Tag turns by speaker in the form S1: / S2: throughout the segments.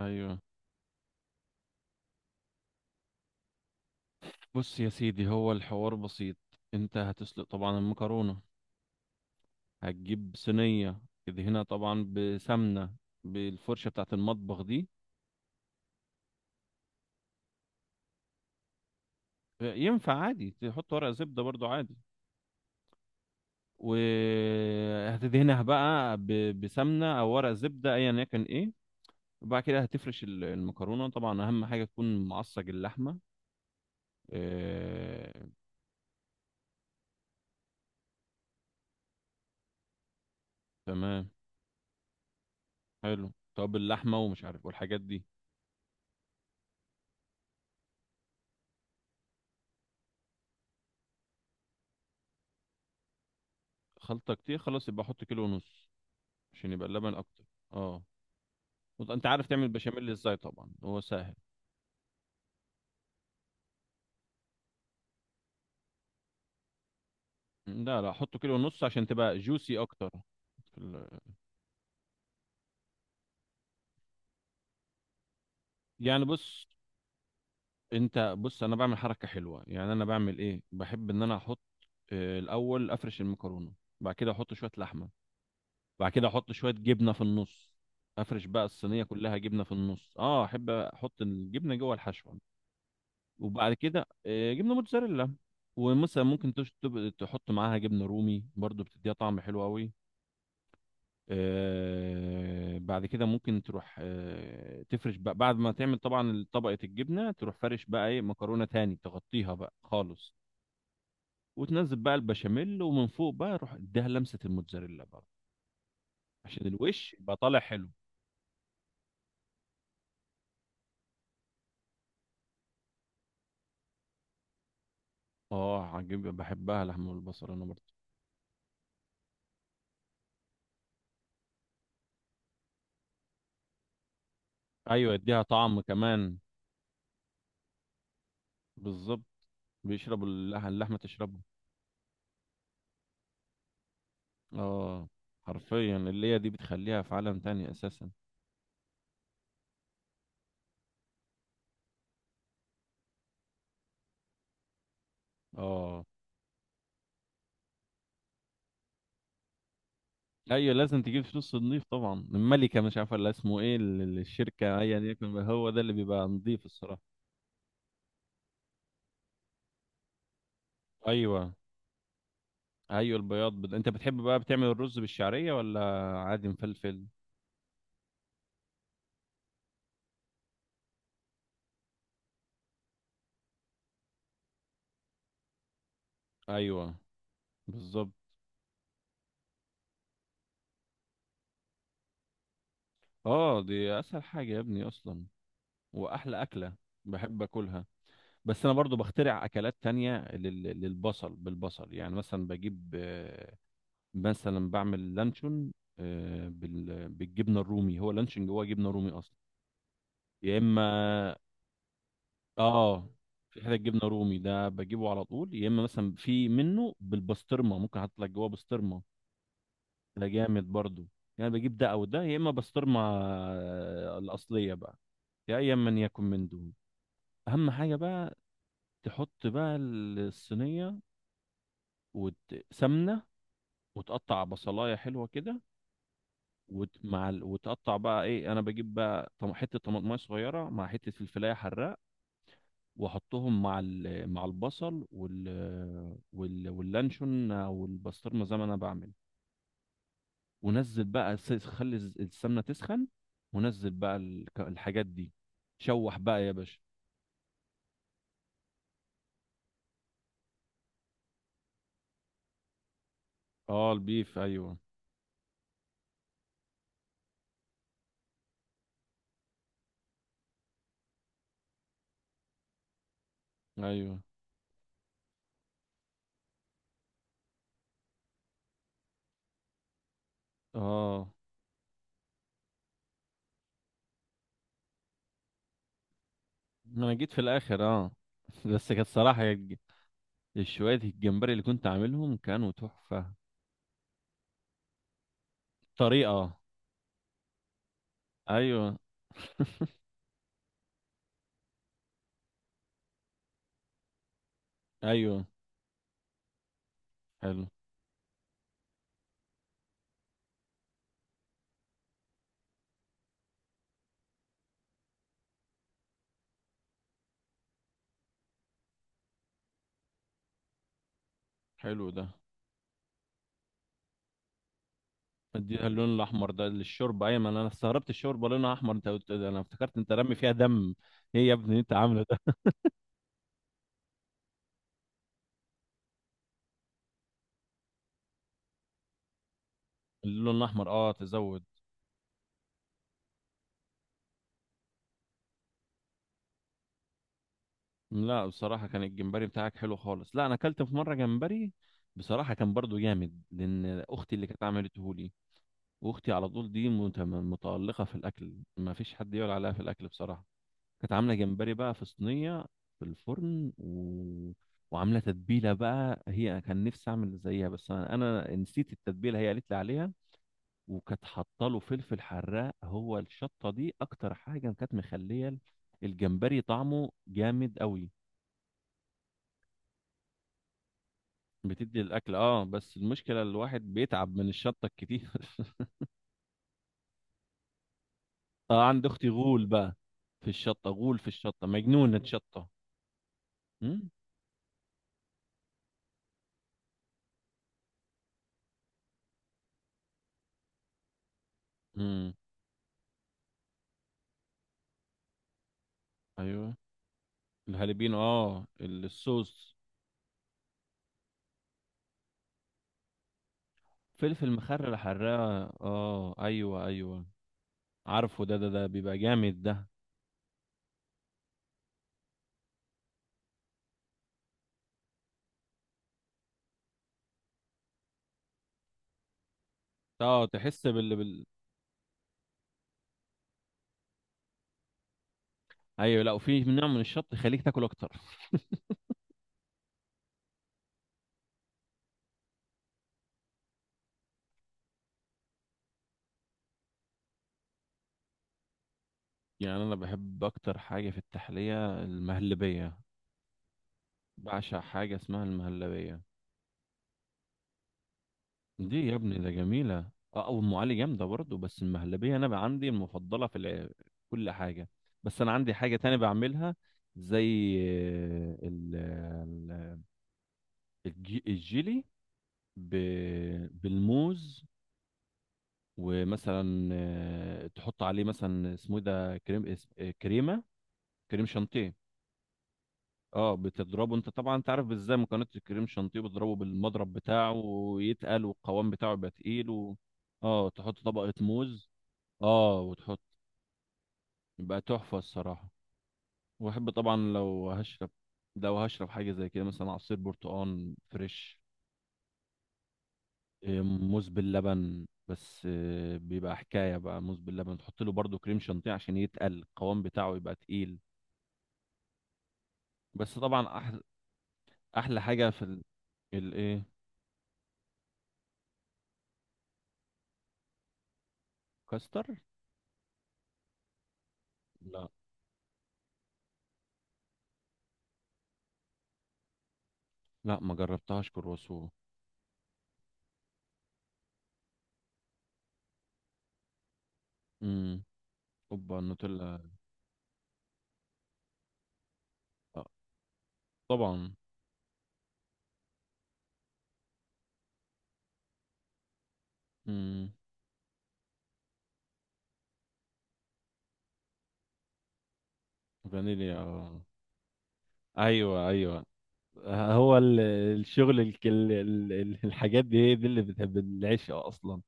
S1: ايوه. بص يا سيدي، هو الحوار بسيط. انت هتسلق طبعا المكرونه. هتجيب صينيه، تدهنها طبعا بسمنه بالفرشه بتاعه المطبخ دي. ينفع عادي تحط ورق زبده برضو عادي. وهتدهنها بقى بسمنه او ورق زبده ايا يكن ايه. وبعد كده هتفرش المكرونه طبعا، اهم حاجه تكون معصج اللحمه. آه... تمام. حلو، طب اللحمه ومش عارف والحاجات دي. خلطه كتير، خلاص يبقى حط كيلو ونص عشان يبقى اللبن اكتر. اه. انت عارف تعمل بشاميل ازاي؟ طبعا هو سهل. لا لا، حطه كيلو ونص عشان تبقى جوسي اكتر. في ال... يعني بص. انت بص، انا بعمل حركه حلوه. يعني انا بعمل ايه، بحب ان انا احط الاول افرش المكرونه. بعد كده احط شويه لحمه. بعد كده احط شويه جبنه في النص. افرش بقى الصينيه كلها جبنه في النص، اه احب احط الجبنه جوه الحشوه. وبعد كده جبنه موتزاريلا. ومثلا ممكن تحط معاها جبنه رومي برضو بتديها طعم حلو قوي. بعد كده ممكن تروح تفرش بقى بعد ما تعمل طبعا طبقة الجبنة، تروح فرش بقى ايه مكرونة تاني تغطيها بقى خالص. وتنزل بقى البشاميل، ومن فوق بقى روح اديها لمسة الموتزاريلا بقى عشان الوش يبقى طالع حلو. اه عجيب، بحبها لحمة والبصل انا برضه. ايوه اديها طعم كمان. بالظبط. بيشربوا اللحمة تشربه. اه حرفيا اللي هي دي بتخليها في عالم تاني اساسا. اه ايوه، لازم تجيب فلوس نضيف طبعا. الملكه مش عارفه اللي اسمه ايه، الشركه ايا يكن بقى، هو ده اللي بيبقى نضيف الصراحه. ايوه ايوه، البياض انت بتحب بقى بتعمل الرز بالشعريه ولا عادي مفلفل؟ ايوه بالظبط. اه دي اسهل حاجه يا ابني اصلا، واحلى اكله. بحب اكلها. بس انا برضو بخترع اكلات تانية للبصل، بالبصل يعني. مثلا بجيب مثلا بعمل لانشون بالجبنه الرومي. هو لانشون جواه جبنه رومي اصلا. يا اما، اه، في حته جبنه رومي ده بجيبه على طول، يا اما مثلا في منه بالبسطرمه، ممكن احط لك جواه بسطرمه. ده جامد برضو. يعني بجيب ده او ده، يا اما بسطرمه الاصليه بقى، يا ايا من يكن من دون. اهم حاجه بقى تحط بقى الصينيه وسمنه، وتقطع بصلايه حلوه كده. وتقطع بقى ايه، انا بجيب بقى حته طماطمايه صغيره مع حته فلفلايه حراء، واحطهم مع مع البصل وال واللانشون او البسطرمه زي ما انا بعمل. ونزل بقى خلي السمنه تسخن. ونزل بقى الحاجات دي. شوح بقى يا باشا. اه البيف ايوه. ايوه اه انا جيت في الاخر اه. بس كانت صراحه الشوية، الجمبري اللي كنت عاملهم كانوا تحفه. طريقه. ايوه ايوه، حلو حلو ده. مديها اللون الاحمر ده للشوربه؟ ايوه، ما أنا استغربت الشوربه لونها احمر. انت قلت ده، انا افتكرت انت رامي فيها دم. ايه يا ابني انت عامله ده؟ اللون الاحمر اه تزود. لا بصراحه، كان الجمبري بتاعك حلو خالص. لا انا اكلت في مره جمبري بصراحه كان برضو جامد، لان اختي اللي كانت عملته لي. واختي على طول دي متالقه في الاكل، ما فيش حد يقول عليها في الاكل بصراحه. كانت عامله جمبري بقى في صينيه في الفرن وعامله تتبيله بقى هي. كان نفسي اعمل زيها، بس انا نسيت التتبيله هي قالت لي عليها. وكانت حاطه له فلفل حراق، هو الشطه دي اكتر حاجه كانت مخليه الجمبري طعمه جامد قوي. بتدي الاكل اه، بس المشكله الواحد بيتعب من الشطه الكتير. اه عند اختي غول بقى. في الشطه غول، في الشطه مجنونه شطه. امم امم ايوه. الهالبينو اه الصوص. فلفل مخلل حراق اه، ايوه ايوه. عارفه ده بيبقى جامد ده. اه تحس بال. ايوه لا، وفي نوع من الشط يخليك تاكل اكتر. يعني انا بحب اكتر حاجه في التحليه المهلبيه. بعشق حاجه اسمها المهلبيه. دي يا ابني ده جميله. اه، او ام علي جامده برضه، بس المهلبيه انا بقى عندي المفضله في كل حاجه. بس انا عندي حاجه تانية بعملها، زي ال- ال- الجيلي بالموز. ومثلا تحط عليه مثلا اسمه إيه ده، كريم كريمه، كريم شانتيه. اه بتضربه انت طبعا، انت عارف ازاي مكونات الكريم شانتيه. بتضربه بالمضرب بتاعه ويتقل، والقوام بتاعه يبقى تقيل اه تحط طبقه موز. اه وتحط. يبقى تحفه الصراحه. واحب طبعا لو هشرب، حاجه زي كده، مثلا عصير برتقال فريش. موز باللبن، بس بيبقى حكايه بقى. موز باللبن تحط له برضو كريم شانتيه عشان يتقل القوام بتاعه يبقى تقيل. بس طبعا احلى حاجه في ال... الايه. كاستر. لا لا، ما جربتهاش كرواسو. امم. اوبا النوتيلا. آه، طبعا. امم. فانيليا ايوه ايوه. هو الشغل الحاجات دي هي دي اللي بتحب العيش اصلا.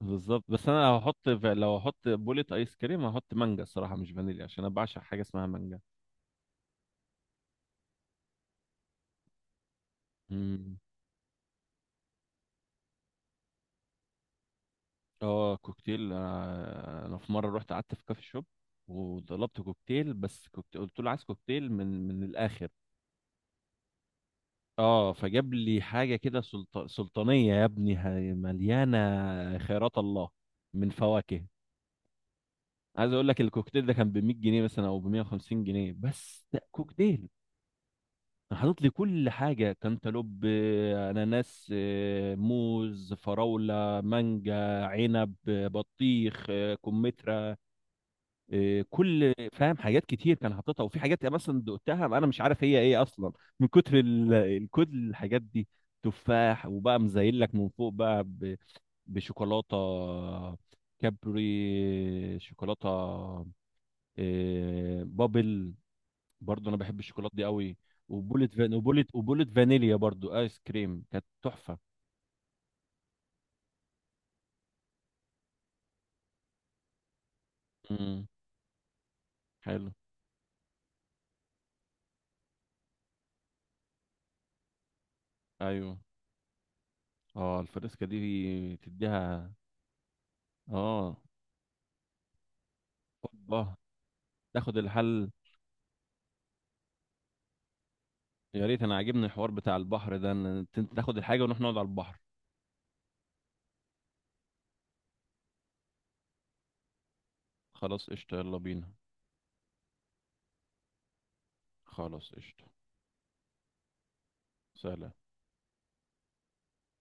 S1: بالظبط. بس انا لو هحط بولة ايس كريم، هحط مانجا الصراحه، مش فانيليا، عشان انا بعشق حاجه اسمها مانجا. اه كوكتيل، انا في مره رحت قعدت في كافي شوب وطلبت كوكتيل. بس كوكتيل، قلت له عايز كوكتيل من الاخر. اه فجاب لي حاجه كده سلطانيه يا ابني، مليانه خيرات الله من فواكه. عايز اقول لك الكوكتيل ده كان ب 100 جنيه مثلا، او ب 150 جنيه. بس ده كوكتيل حاطط لي كل حاجه، كانتالوب اناناس موز، فراوله، مانجا، عنب بطيخ كمثرى، إيه، كل، فاهم، حاجات كتير كان حاططها. وفي حاجات يعني مثلا دقتها انا مش عارف هي ايه اصلا، من كتر الكود الحاجات دي. تفاح. وبقى مزين لك من فوق بقى بشوكولاته كابري شوكولاته، إيه، بابل. برضو انا بحب الشوكولاته دي قوي. وبولت فانيليا برضو ايس كريم، كانت تحفه. امم. حلو. ايوه. اه الفريسكا دي تديها. اه. اوبا. تاخد الحل. يا ريت، انا عاجبني الحوار بتاع البحر ده، ان انت تاخد الحاجة ونروح نقعد على البحر. خلاص قشطة، يلا بينا. خلاص قشطة. سلام.